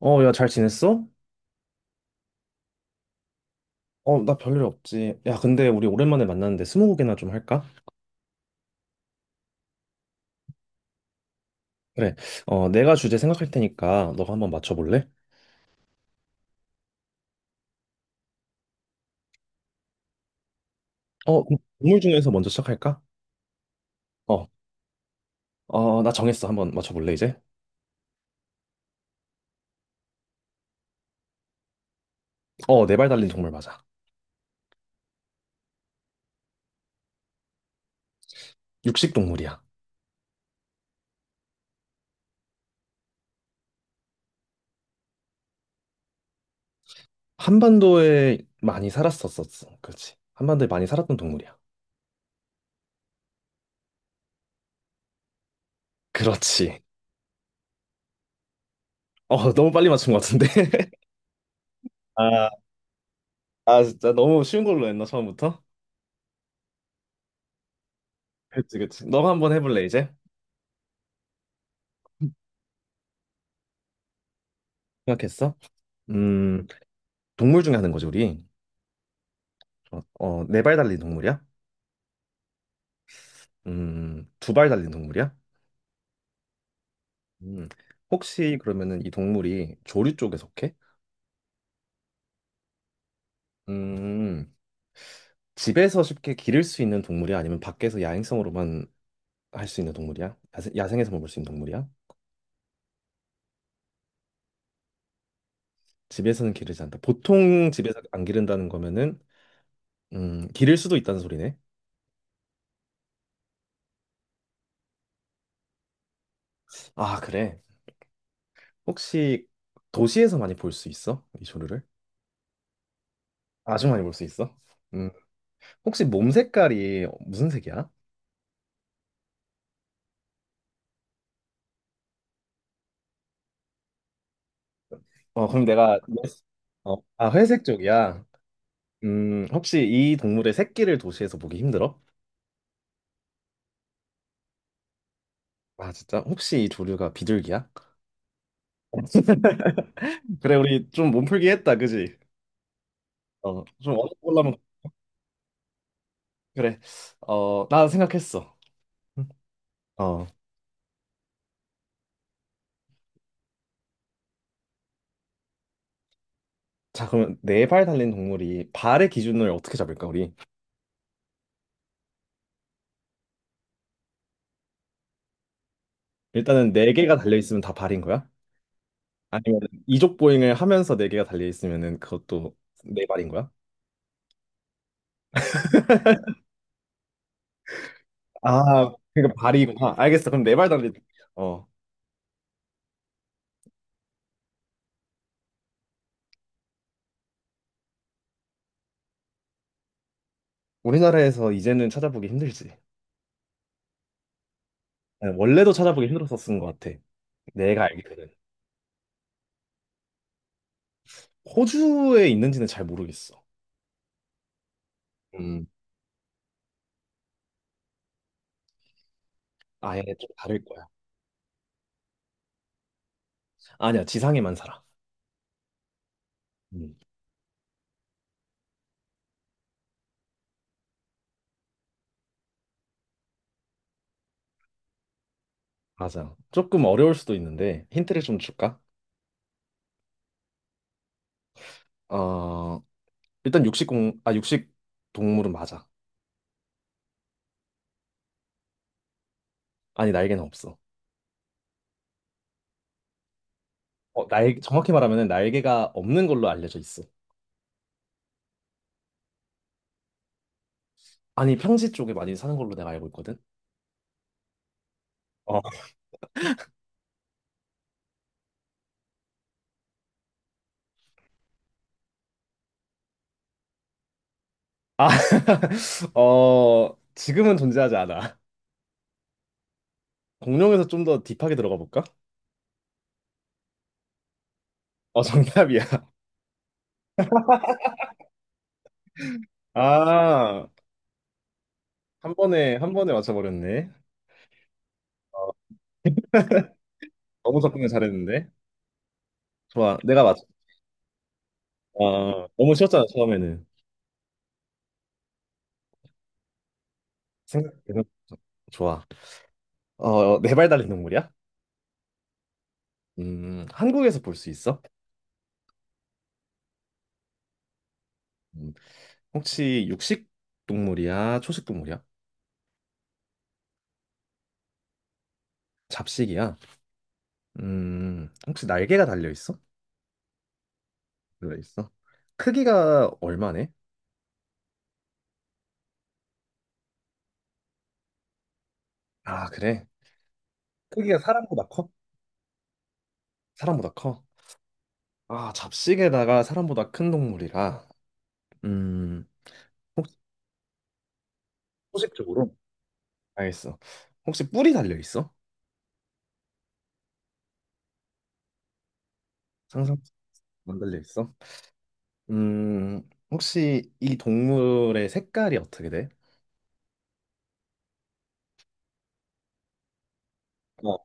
야, 잘 지냈어? 나 별일 없지. 야, 근데 우리 오랜만에 만났는데 스무고개나 좀 할까? 그래. 내가 주제 생각할 테니까 너가 한번 맞춰볼래? 그럼 동물 중에서 먼저 시작할까? 어, 나 정했어. 한번 맞춰볼래, 이제? 네발 달린 동물 맞아. 육식 동물이야. 한반도에 많이 살았었었어. 그렇지. 한반도에 많이 살았던 동물이야. 그렇지. 너무 빨리 맞춘 것 같은데? 아, 아, 진짜 너무 쉬운 걸로 했나, 처음부터? 그치, 그치. 너가 한번 해볼래, 이제? 생각했어? 음. 동물 중에 하는 거죠, 우리. 네 발 달린 동물이야? 두 발 달린 동물이야? 음, 혹시 그러면은 이 동물이 조류 쪽에 속해? 음, 집에서 쉽게 기를 수 있는 동물이야? 아니면 밖에서 야행성으로만 할 수 있는 동물이야? 야생, 야생에서만 볼 수 있는 동물이야? 집에서는 기르지 않다. 보통 집에서 안 기른다는 거면은 기를 수도 있다는 소리네. 아, 그래. 혹시 도시에서 많이 볼 수 있어? 이 조류를? 아주 많이 볼 수 있어? 음, 혹시 몸 색깔이 무슨 색이야? 그럼 내가, 아, 회색 쪽이야. 혹시 이 동물의 새끼를 도시에서 보기 힘들어? 아, 진짜? 혹시 이 조류가 비둘기야? 그래, 우리 좀 몸풀기 했다, 그지? 좀 어려운 걸로 하면, 그래. 나 생각했어. 어, 자, 그러면 네 발 달린 동물이 발의 기준을 어떻게 잡을까, 우리? 일단은 네 개가 달려 있으면 다 발인 거야? 아니면 이족 보행을 하면서 네 개가 달려 있으면은 그것도 네 발인 거야? 아, 그러니까 발이구나. 알겠어. 그럼 내 발 달리. 어, 우리나라에서 이제는 찾아보기 힘들지. 아니, 원래도 찾아보기 힘들었었던 것 같아. 내가 알기로는. 호주에 있는지는 잘 모르겠어. 음, 아예 좀 다를 거야. 아니야, 지상에만 살아. 음, 맞아. 조금 어려울 수도 있는데 힌트를 좀 줄까? 어, 일단 육식 동물은 맞아. 아니, 날개는 없어. 정확히 말하면 날개가 없는 걸로 알려져 있어. 아니, 평지 쪽에 많이 사는 걸로 내가 알고 있거든. 아, 지금은 존재하지 않아. 공룡에서 좀 더 딥하게 들어가 볼까? 정답이야. 아, 한 번에 맞춰버렸네. 어, 너무 접근을 잘했는데. 좋아, 내가 맞춰. 너무 쉬웠잖아, 처음에는. 생각해서. 좋아. 네 발 달린 동물이야? 한국에서 볼 수 있어? 음, 혹시 육식 동물이야? 초식 동물이야? 잡식이야? 혹시 날개가 달려 있어? 달려 있어? 크기가 얼마네? 아, 그래. 크기가 사람보다 커? 사람보다 커? 아, 잡식에다가 사람보다 큰 동물이라. 음, 혹시 소식적으로 알겠어. 혹시 뿔이 달려 있어? 상상 안 달려 있어? 혹시 이 동물의 색깔이 어떻게 돼? 어,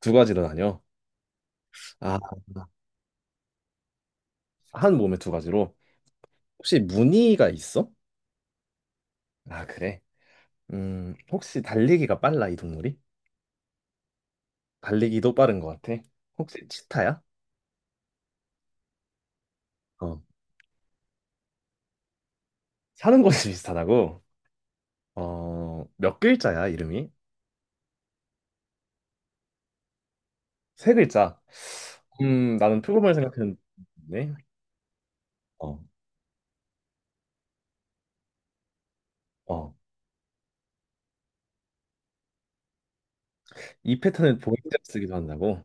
두 가지로 나뉘어. 아, 한 몸에 두 가지로. 혹시 무늬가 있어? 아, 그래. 혹시 달리기가 빨라, 이 동물이? 달리기도 빠른 것 같아. 혹시 치타야? 어. 사는 곳이 비슷하다고? 몇 글자야, 이름이? 세 글자. 나는 표고물 생각했는데. 어, 어. 이 패턴을 보행자 쓰기도 한다고?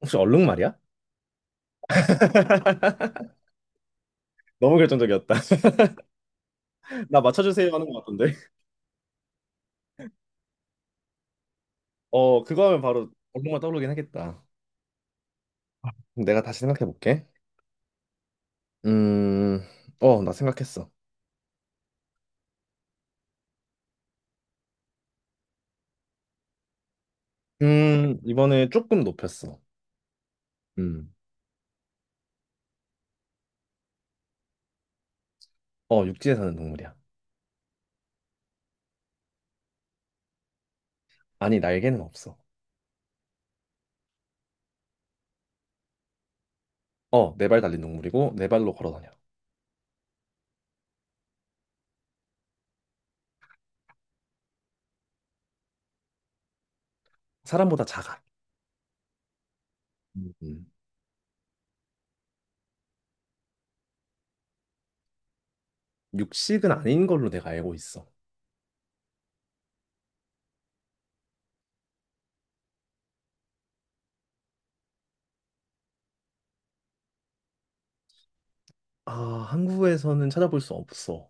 혹시 얼룩말이야? 너무 결정적이었다. 나 맞춰주세요 하는 것 같던데. 그거 하면 바로 얼룩말 떠오르긴 하겠다. 그럼 내가 다시 생각해 볼게. 음, 나 생각했어. 이번에 조금 높였어. 음, 육지에 사는 동물이야. 아니, 날개는 없어. 네 발 달린 동물이고, 네 발로 걸어 다녀. 사람보다 작아. 음. 음. 육식은 아닌 걸로 내가 알고 있어. 아, 한국에서는 찾아볼 수 없어.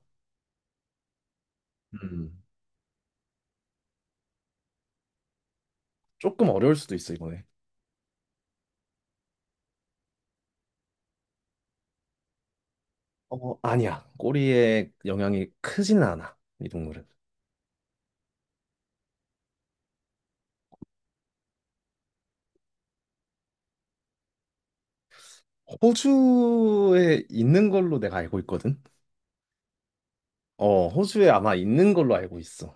음. 조금 어려울 수도 있어, 이번에. 아니야. 꼬리에 영향이 크지는 않아, 이 동물은. 호주에 있는 걸로 내가 알고 있거든. 호주에 아마 있는 걸로 알고 있어.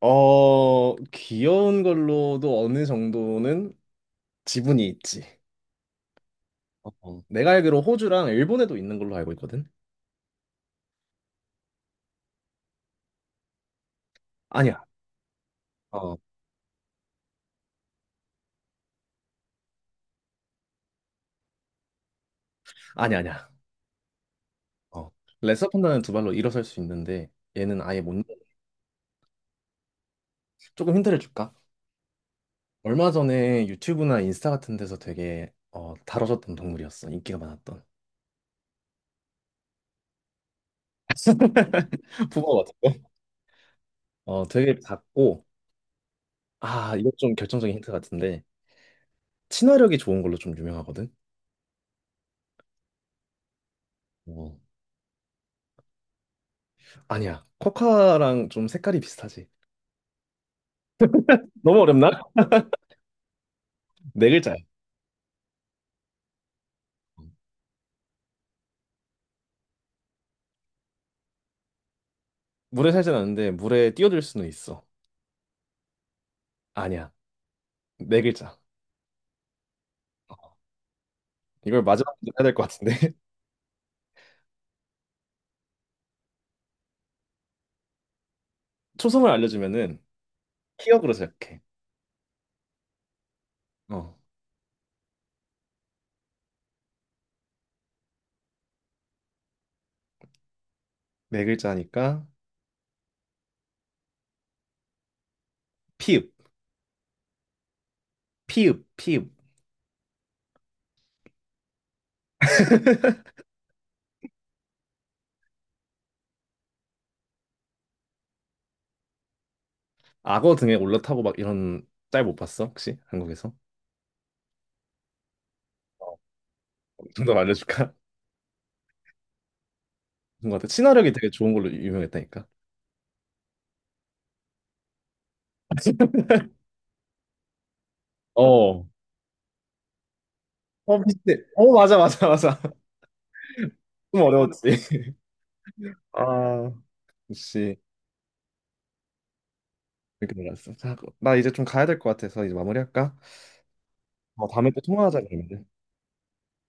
귀여운 걸로도 어느 정도는 지분이 있지. 내가 알기로 호주랑 일본에도 있는 걸로 알고 있거든. 아니야. 어, 어, 아니야, 아니야. 어, 레서 판다는 두 발로 일어설 수 있는데 얘는 아예 못. 조금 힌트를 줄까? 얼마 전에 유튜브나 인스타 같은 데서 되게 다뤄졌던 동물이었어. 인기가 많았던. 붕어 같은 거? 되게 작고 아, 이거 좀 결정적인 힌트 같은데 친화력이 좋은 걸로 좀 유명하거든. 어. 아니야. 코카랑 좀 색깔이 비슷하지. 너무 어렵나? 네 글자야. 물에 살진 않는데 물에 뛰어들 수는 있어. 아니야. 네 글자. 이걸 마지막으로 해야 될 것 같은데. 초성을 알려주면은 피읍으로 시작해. 어. 네 글자니까 피읍, 피읍, 피읍. 악어 등에 올라타고 막 이런 짤 못 봤어? 혹시 한국에서? 정더 알려줄까? 뭔가 되게 친화력이 되게 좋은 걸로 유명했다니까. 어. 어, 비슷해. 어, 맞아, 맞아, 맞아. 좀 어려웠지. 아, 역시 이렇게 놀랐어. 자, 나 이제 좀 가야 될 것 같아서 이제 마무리할까? 어, 다음에 또 통화하자 그러면.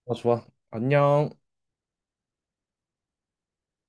어, 좋아. 안녕.